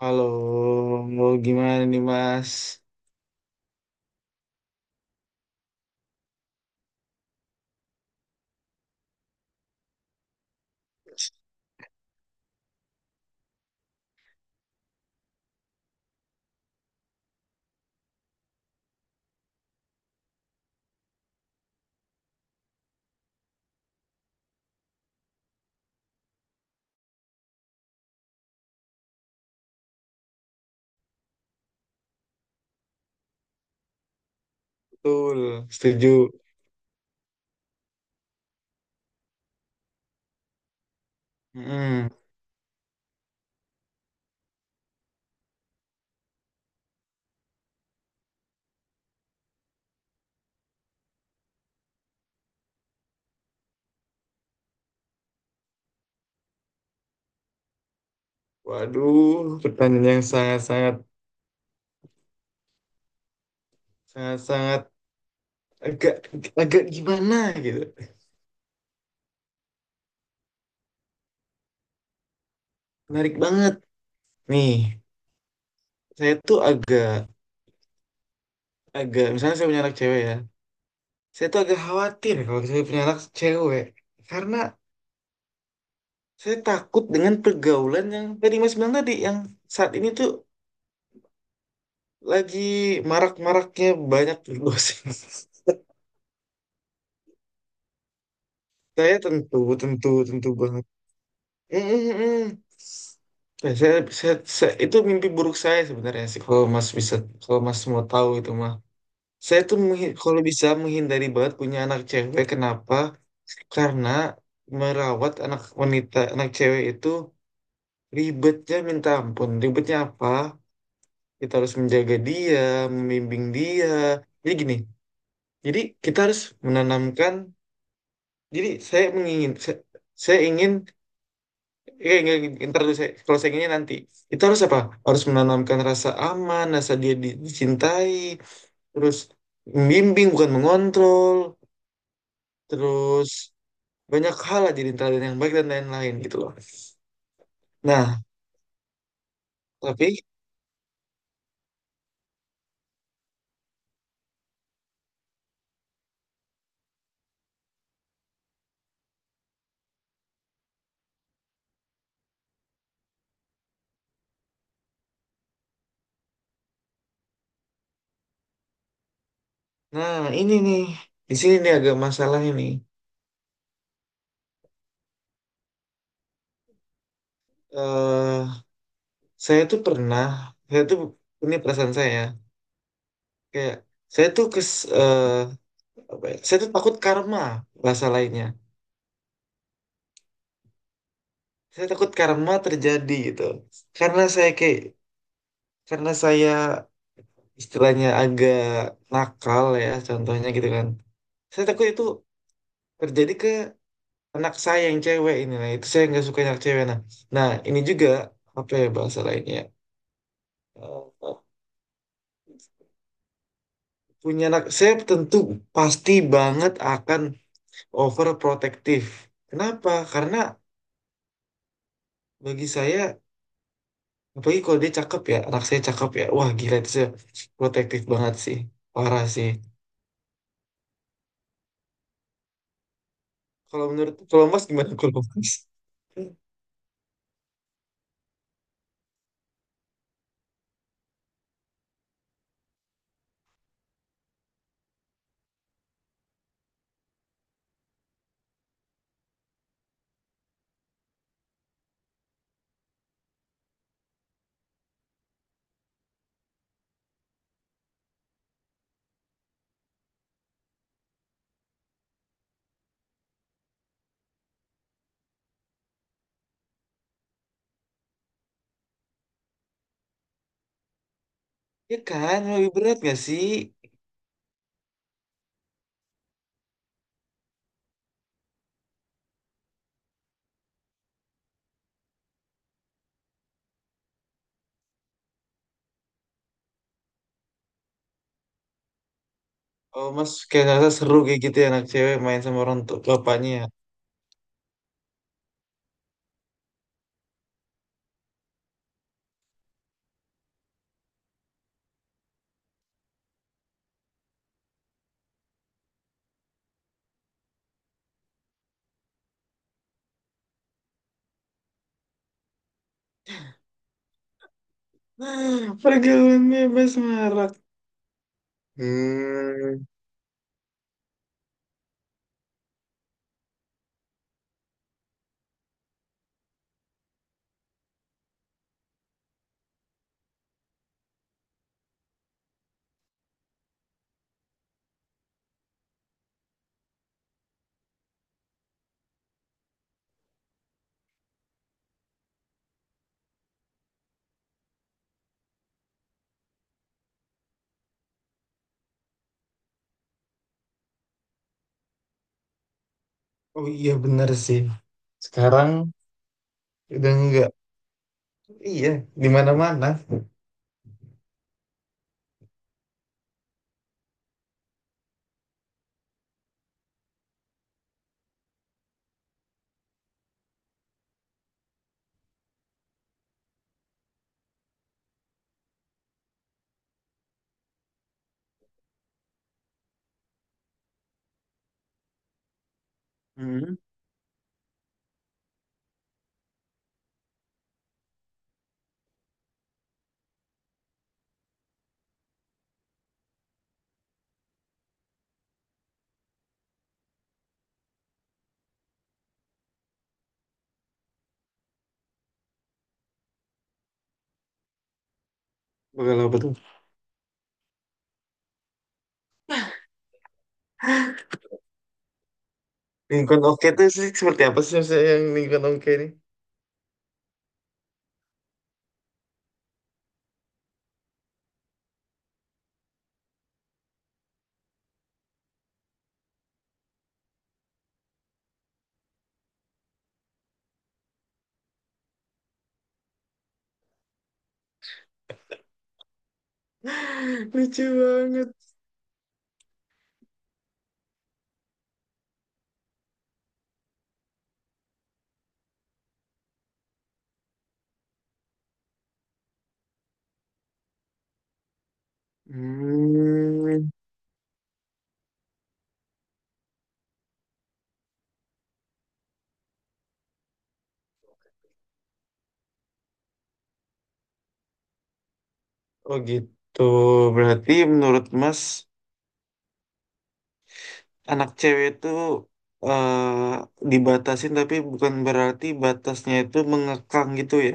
Halo, mau gimana nih Mas? Betul, setuju. Mm-mm. Waduh, pertanyaan yang sangat-sangat, sangat-sangat agak, agak gimana gitu. Menarik banget. Nih, saya tuh agak, agak, misalnya saya punya anak cewek ya. Saya tuh agak khawatir kalau saya punya anak cewek. Karena saya takut dengan pergaulan yang tadi Mas bilang tadi, yang saat ini tuh lagi marak-maraknya banyak dosen. Saya tentu, tentu, tentu banget. Mm, mm, mm. Ya, saya, saya, itu mimpi buruk saya sebenarnya sih kalau Mas bisa kalau Mas mau tahu itu mah. Saya tuh kalau bisa menghindari banget punya anak cewek. Kenapa? Karena merawat anak wanita, anak cewek itu ribetnya minta ampun. Ribetnya apa? Kita harus menjaga dia, membimbing dia. Jadi gini, jadi kita harus menanamkan. Jadi saya saya ingin iya, iya, iya, ntar dulu saya, kalau saya ingin nanti itu harus apa? Harus menanamkan rasa aman, rasa dia dicintai, terus membimbing bukan mengontrol, terus banyak hal lah jadi teladan yang baik dan lain-lain gitu loh. Nah, tapi nah, ini nih di sini nih agak masalah ini. eh saya tuh pernah, saya tuh ini perasaan saya ya. Kayak saya tuh eh, apa ya? Saya tuh takut karma bahasa lainnya. Saya takut karma terjadi gitu karena saya kayak karena saya istilahnya agak nakal ya contohnya gitu kan. Saya takut itu terjadi ke anak saya yang cewek ini. Nah, itu saya nggak suka anak cewek. Nah, nah ini juga apa ya bahasa lainnya ya? Eh, Punya anak saya tentu pasti banget akan overprotektif. Kenapa? Karena bagi saya apalagi kalau dia cakep ya, anak saya cakep ya, wah gila itu saya protektif banget sih, parah sih. Kalau menurut Mas gimana kalau Mas? Ya kan, lebih berat gak sih? Oh Mas kayak ngerasa seru kayak gitu ya, anak cewek main sama orang tua bapaknya. Ya? Ah, pergaulan bebas marak. Hmm. Oh iya bener sih. Sekarang udah enggak. Iya, di mana-mana. Hmm. Bakal apa tuh? Lingkungan oke tuh sih seperti apa sih, maksudnya yang lingkungan oke ini? Lucu banget. Hmm. Oh gitu. Berarti menurut Mas anak cewek itu eh, dibatasin tapi bukan berarti batasnya itu mengekang gitu ya.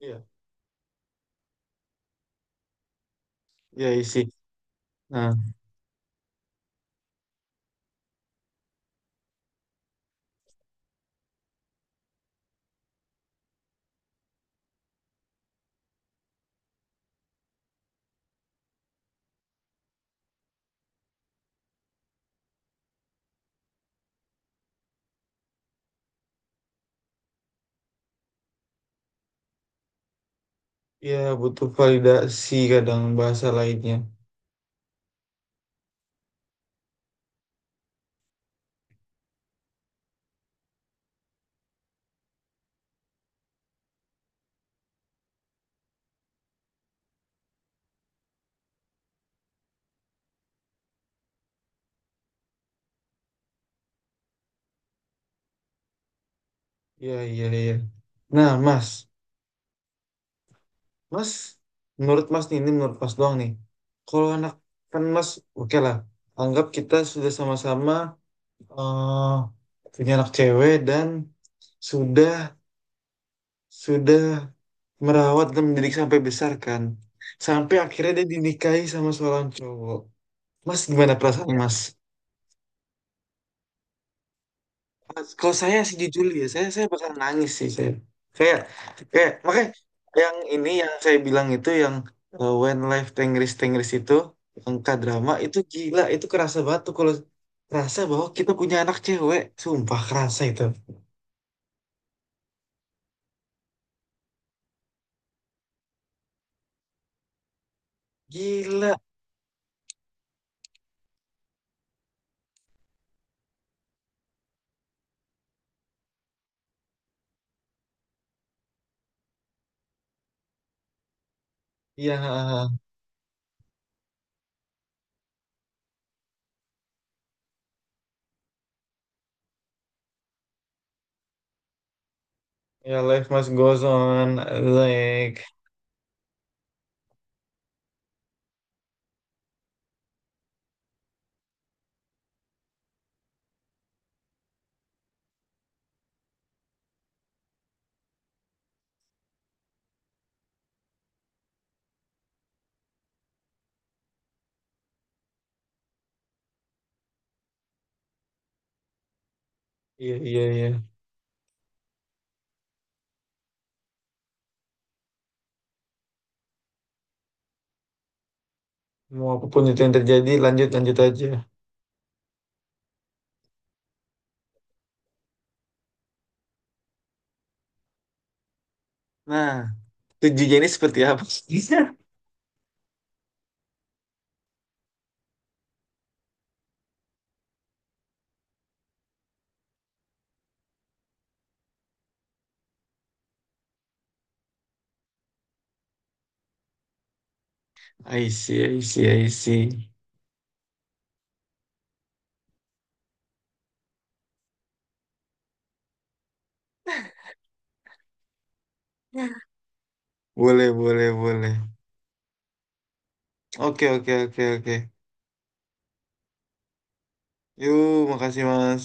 Iya. Ya isi. Nah, ya butuh validasi kadang bahasa lainnya. Iya, iya, iya. Nah, Mas, Mas, menurut Mas nih, ini menurut Mas doang nih. Kalau anak kan Mas, oke lah. Anggap kita sudah sama-sama punya anak cewek dan sudah sudah merawat dan mendidik sampai besar kan. Sampai akhirnya dia dinikahi sama seorang cowok. Mas gimana perasaan iya Mas? Kalau saya sih jujur ya, saya bakal nangis sih saya. Kayak kayak makanya yang ini yang saya bilang itu yang When Life Tengris Tengris itu yang K-drama itu gila, itu kerasa banget tuh kalau kerasa bahwa kita punya anak cewek, sumpah kerasa itu. Gila. Ya, ya life must goes on. Like, iya iya iya. Mau apapun itu yang terjadi, lanjut lanjut aja. Nah, tujuannya ini seperti apa, maksudnya? I see, I see, I see. Nah, boleh, boleh, boleh. Oke, oke, oke, oke. Yuk, makasih, Mas.